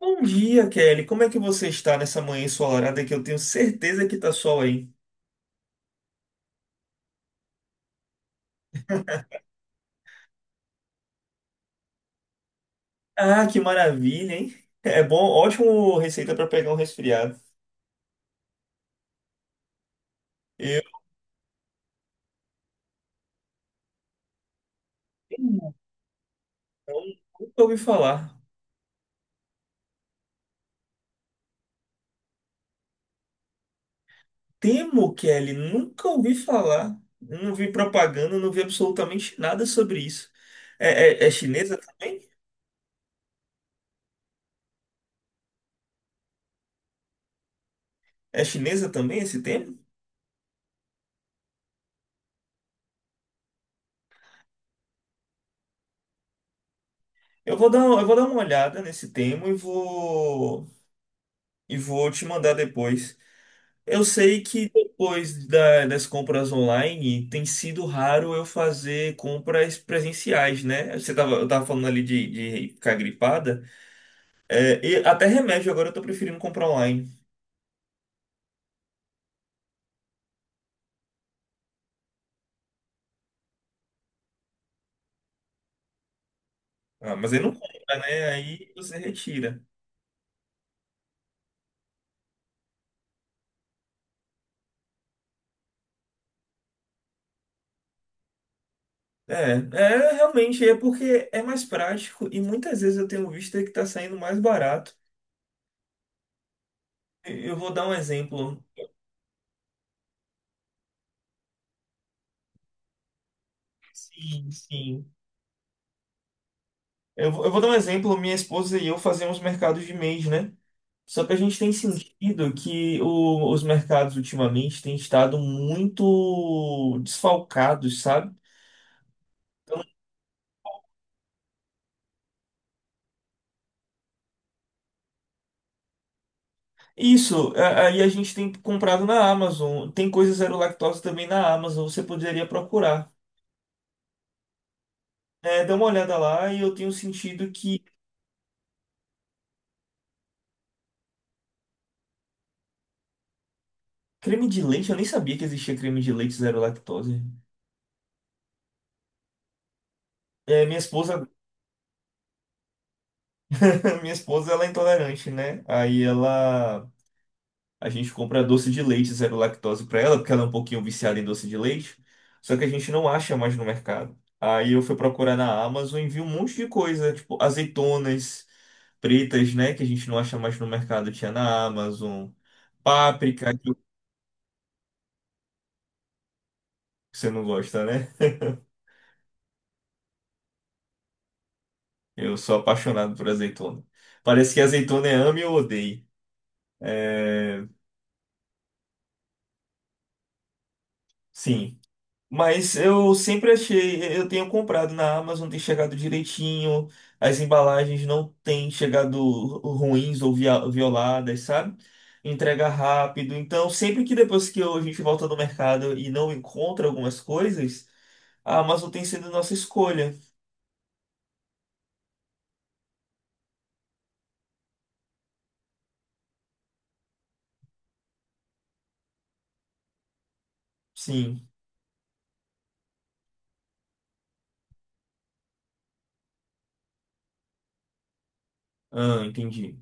Bom dia, Kelly. Como é que você está nessa manhã ensolarada que eu tenho certeza que tá sol aí? Ah, que maravilha, hein? É bom, ótimo receita para pegar um resfriado. Eu temo, eu nunca ouvi falar. Temo, Kelly, nunca ouvi falar. Não vi propaganda, não vi absolutamente nada sobre isso. É chinesa também? É chinesa também esse tema? Eu vou dar uma olhada nesse tema e vou te mandar depois. Eu sei que depois das compras online tem sido raro eu fazer compras presenciais, né? Eu tava falando ali de ficar gripada. É, e até remédio agora eu tô preferindo comprar online. Ah, mas aí não compra, né? Aí você retira. É, é realmente é porque é mais prático e muitas vezes eu tenho visto que tá saindo mais barato. Eu vou dar um exemplo. Sim, sim. Eu vou dar um exemplo. Minha esposa e eu fazemos mercados de mês, né? Só que a gente tem sentido que os mercados ultimamente têm estado muito desfalcados, sabe? Então, Isso, aí a gente tem comprado na Amazon. Tem coisa zero lactose também na Amazon, você poderia procurar. É, dá uma olhada lá e eu tenho sentido que creme de leite, eu nem sabia que existia creme de leite zero lactose. É, minha esposa, minha esposa, ela é intolerante, né? Aí ela a gente compra doce de leite zero lactose para ela, porque ela é um pouquinho viciada em doce de leite. Só que a gente não acha mais no mercado. Aí eu fui procurar na Amazon e vi um monte de coisa, tipo azeitonas pretas, né, que a gente não acha mais no mercado, tinha na Amazon. Páprica, que você não gosta, né? Eu sou apaixonado por azeitona. Parece que azeitona é ame ou odeie. É, sim. Mas eu sempre achei, eu tenho comprado na Amazon, tem chegado direitinho, as embalagens não têm chegado ruins ou violadas, sabe? Entrega rápido. Então, sempre que depois que a gente volta no mercado e não encontra algumas coisas, a Amazon tem sido nossa escolha. Sim. Ah, entendi.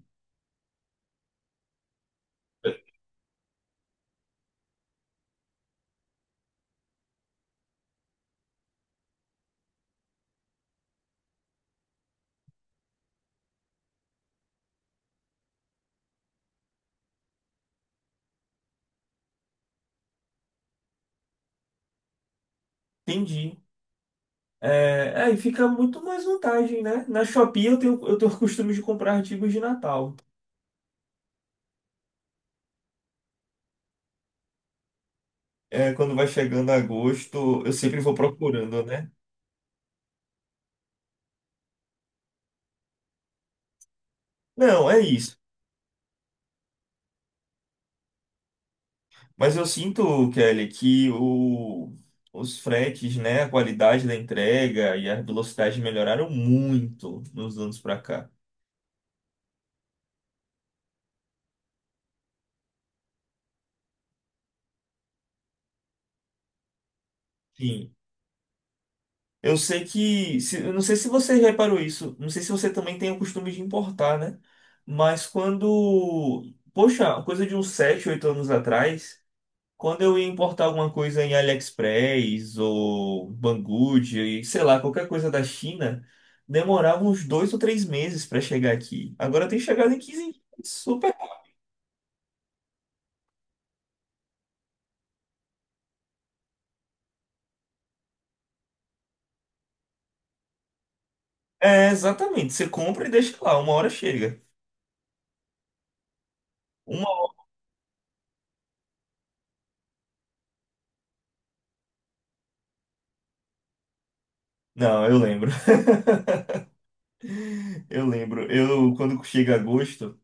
Entendi. É, aí fica muito mais vantagem, né? Na Shopee eu tenho o costume de comprar artigos de Natal. É, quando vai chegando agosto, eu sempre vou procurando, né? Não, é isso. Mas eu sinto, Kelly, que os fretes, né, a qualidade da entrega e a velocidade melhoraram muito nos anos pra cá. Sim. Eu sei que, eu não sei se você reparou isso, não sei se você também tem o costume de importar, né? Mas quando, poxa, coisa de uns 7, 8 anos atrás, quando eu ia importar alguma coisa em AliExpress ou Banggood, e sei lá, qualquer coisa da China, demorava uns 2 ou 3 meses para chegar aqui. Agora tem chegado em 15 dias. Super. É, exatamente. Você compra e deixa lá, uma hora chega. Uma... Não, eu lembro. Eu lembro. Quando chega agosto,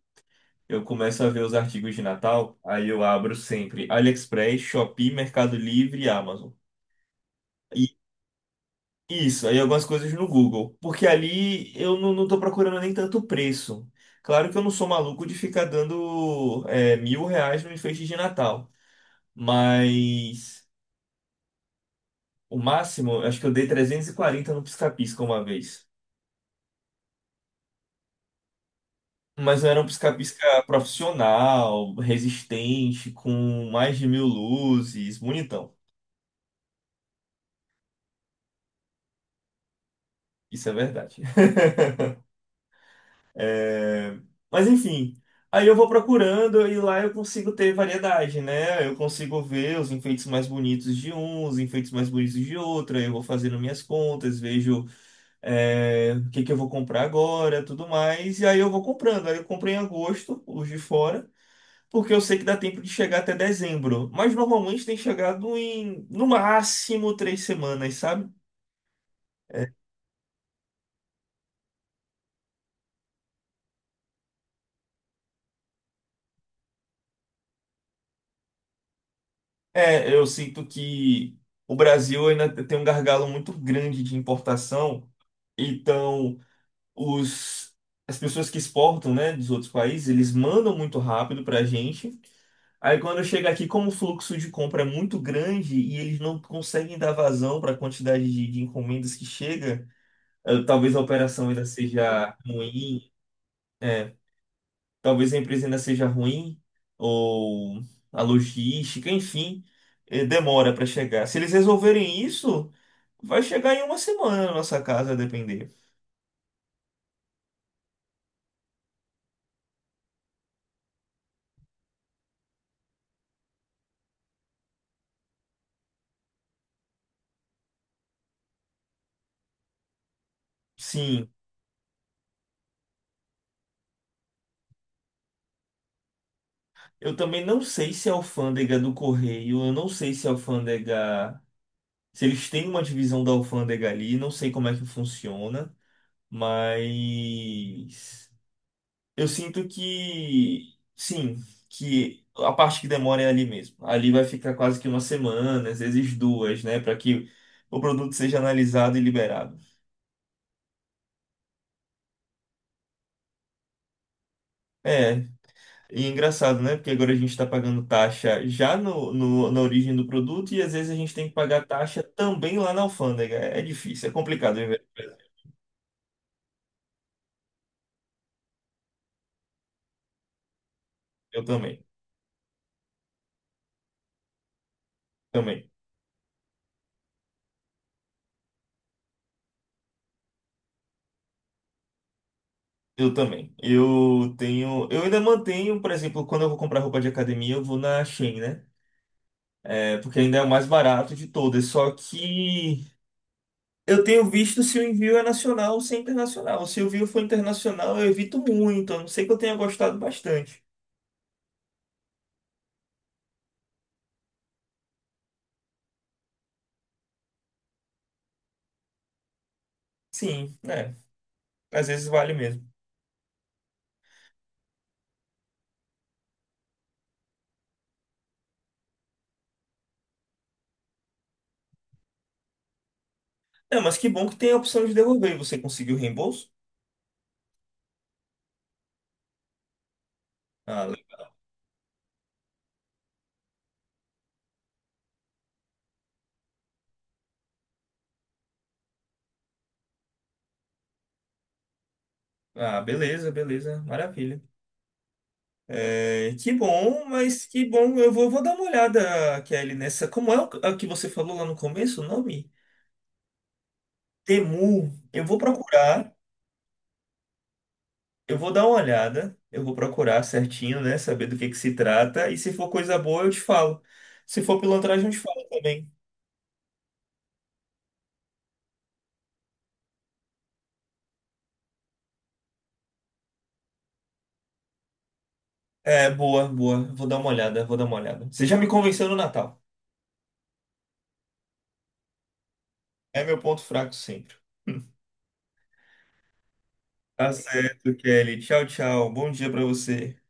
eu começo a ver os artigos de Natal, aí eu abro sempre AliExpress, Shopee, Mercado Livre e Amazon. Isso, aí algumas coisas no Google. Porque ali eu não tô procurando nem tanto preço. Claro que eu não sou maluco de ficar dando R$ 1.000 no enfeite de Natal. Mas o máximo, eu acho que eu dei 340 no pisca-pisca uma vez. Mas não era um pisca-pisca profissional, resistente, com mais de 1.000 luzes, bonitão. Isso é verdade. É, mas enfim, aí eu vou procurando e lá eu consigo ter variedade, né? Eu consigo ver os enfeites mais bonitos de um, os enfeites mais bonitos de outro. Aí eu vou fazendo minhas contas, vejo o que que eu vou comprar agora, tudo mais. E aí eu vou comprando. Aí eu comprei em agosto, os de fora, porque eu sei que dá tempo de chegar até dezembro. Mas normalmente tem chegado em, no máximo, 3 semanas, sabe? É, eu sinto que o Brasil ainda tem um gargalo muito grande de importação. Então, os, as pessoas que exportam, né, dos outros países, eles mandam muito rápido para a gente. Aí, quando chega aqui, como o fluxo de compra é muito grande e eles não conseguem dar vazão para a quantidade de encomendas que chega, talvez a operação ainda seja ruim, é, talvez a empresa ainda seja ruim, ou a logística, enfim, demora para chegar. Se eles resolverem isso, vai chegar em uma semana na nossa casa, a depender. Sim. Eu também não sei se a alfândega do correio, eu não sei se a alfândega. Se eles têm uma divisão da alfândega ali, não sei como é que funciona, mas. Eu sinto que. Sim, que a parte que demora é ali mesmo. Ali vai ficar quase que uma semana, às vezes duas, né, para que o produto seja analisado e liberado. É, e é engraçado, né? Porque agora a gente está pagando taxa já na origem do produto e às vezes a gente tem que pagar taxa também lá na alfândega. É difícil, é complicado. Eu também, também, eu também. Eu ainda mantenho, por exemplo, quando eu vou comprar roupa de academia, eu vou na Shein, né? É, porque ainda é o mais barato de todas. Só que eu tenho visto se o envio é nacional ou se é internacional. Se o envio for internacional, eu evito muito, a não ser que eu tenha gostado bastante. Sim, né? Às vezes vale mesmo. É, mas que bom que tem a opção de devolver. Você conseguiu o reembolso? Ah, ah, beleza, beleza, maravilha. É, que bom, mas que bom. Eu vou dar uma olhada, Kelly, nessa. Como é o a que você falou lá no começo, o nome? Temu. Eu vou dar uma olhada, eu vou procurar certinho, né? Saber do que se trata. E se for coisa boa, eu te falo. Se for pilantragem, eu te falo também. É, boa, boa. Vou dar uma olhada. Você já me convenceu no Natal. É meu ponto fraco sempre. Tá certo, Kelly. Tchau, tchau. Bom dia pra você.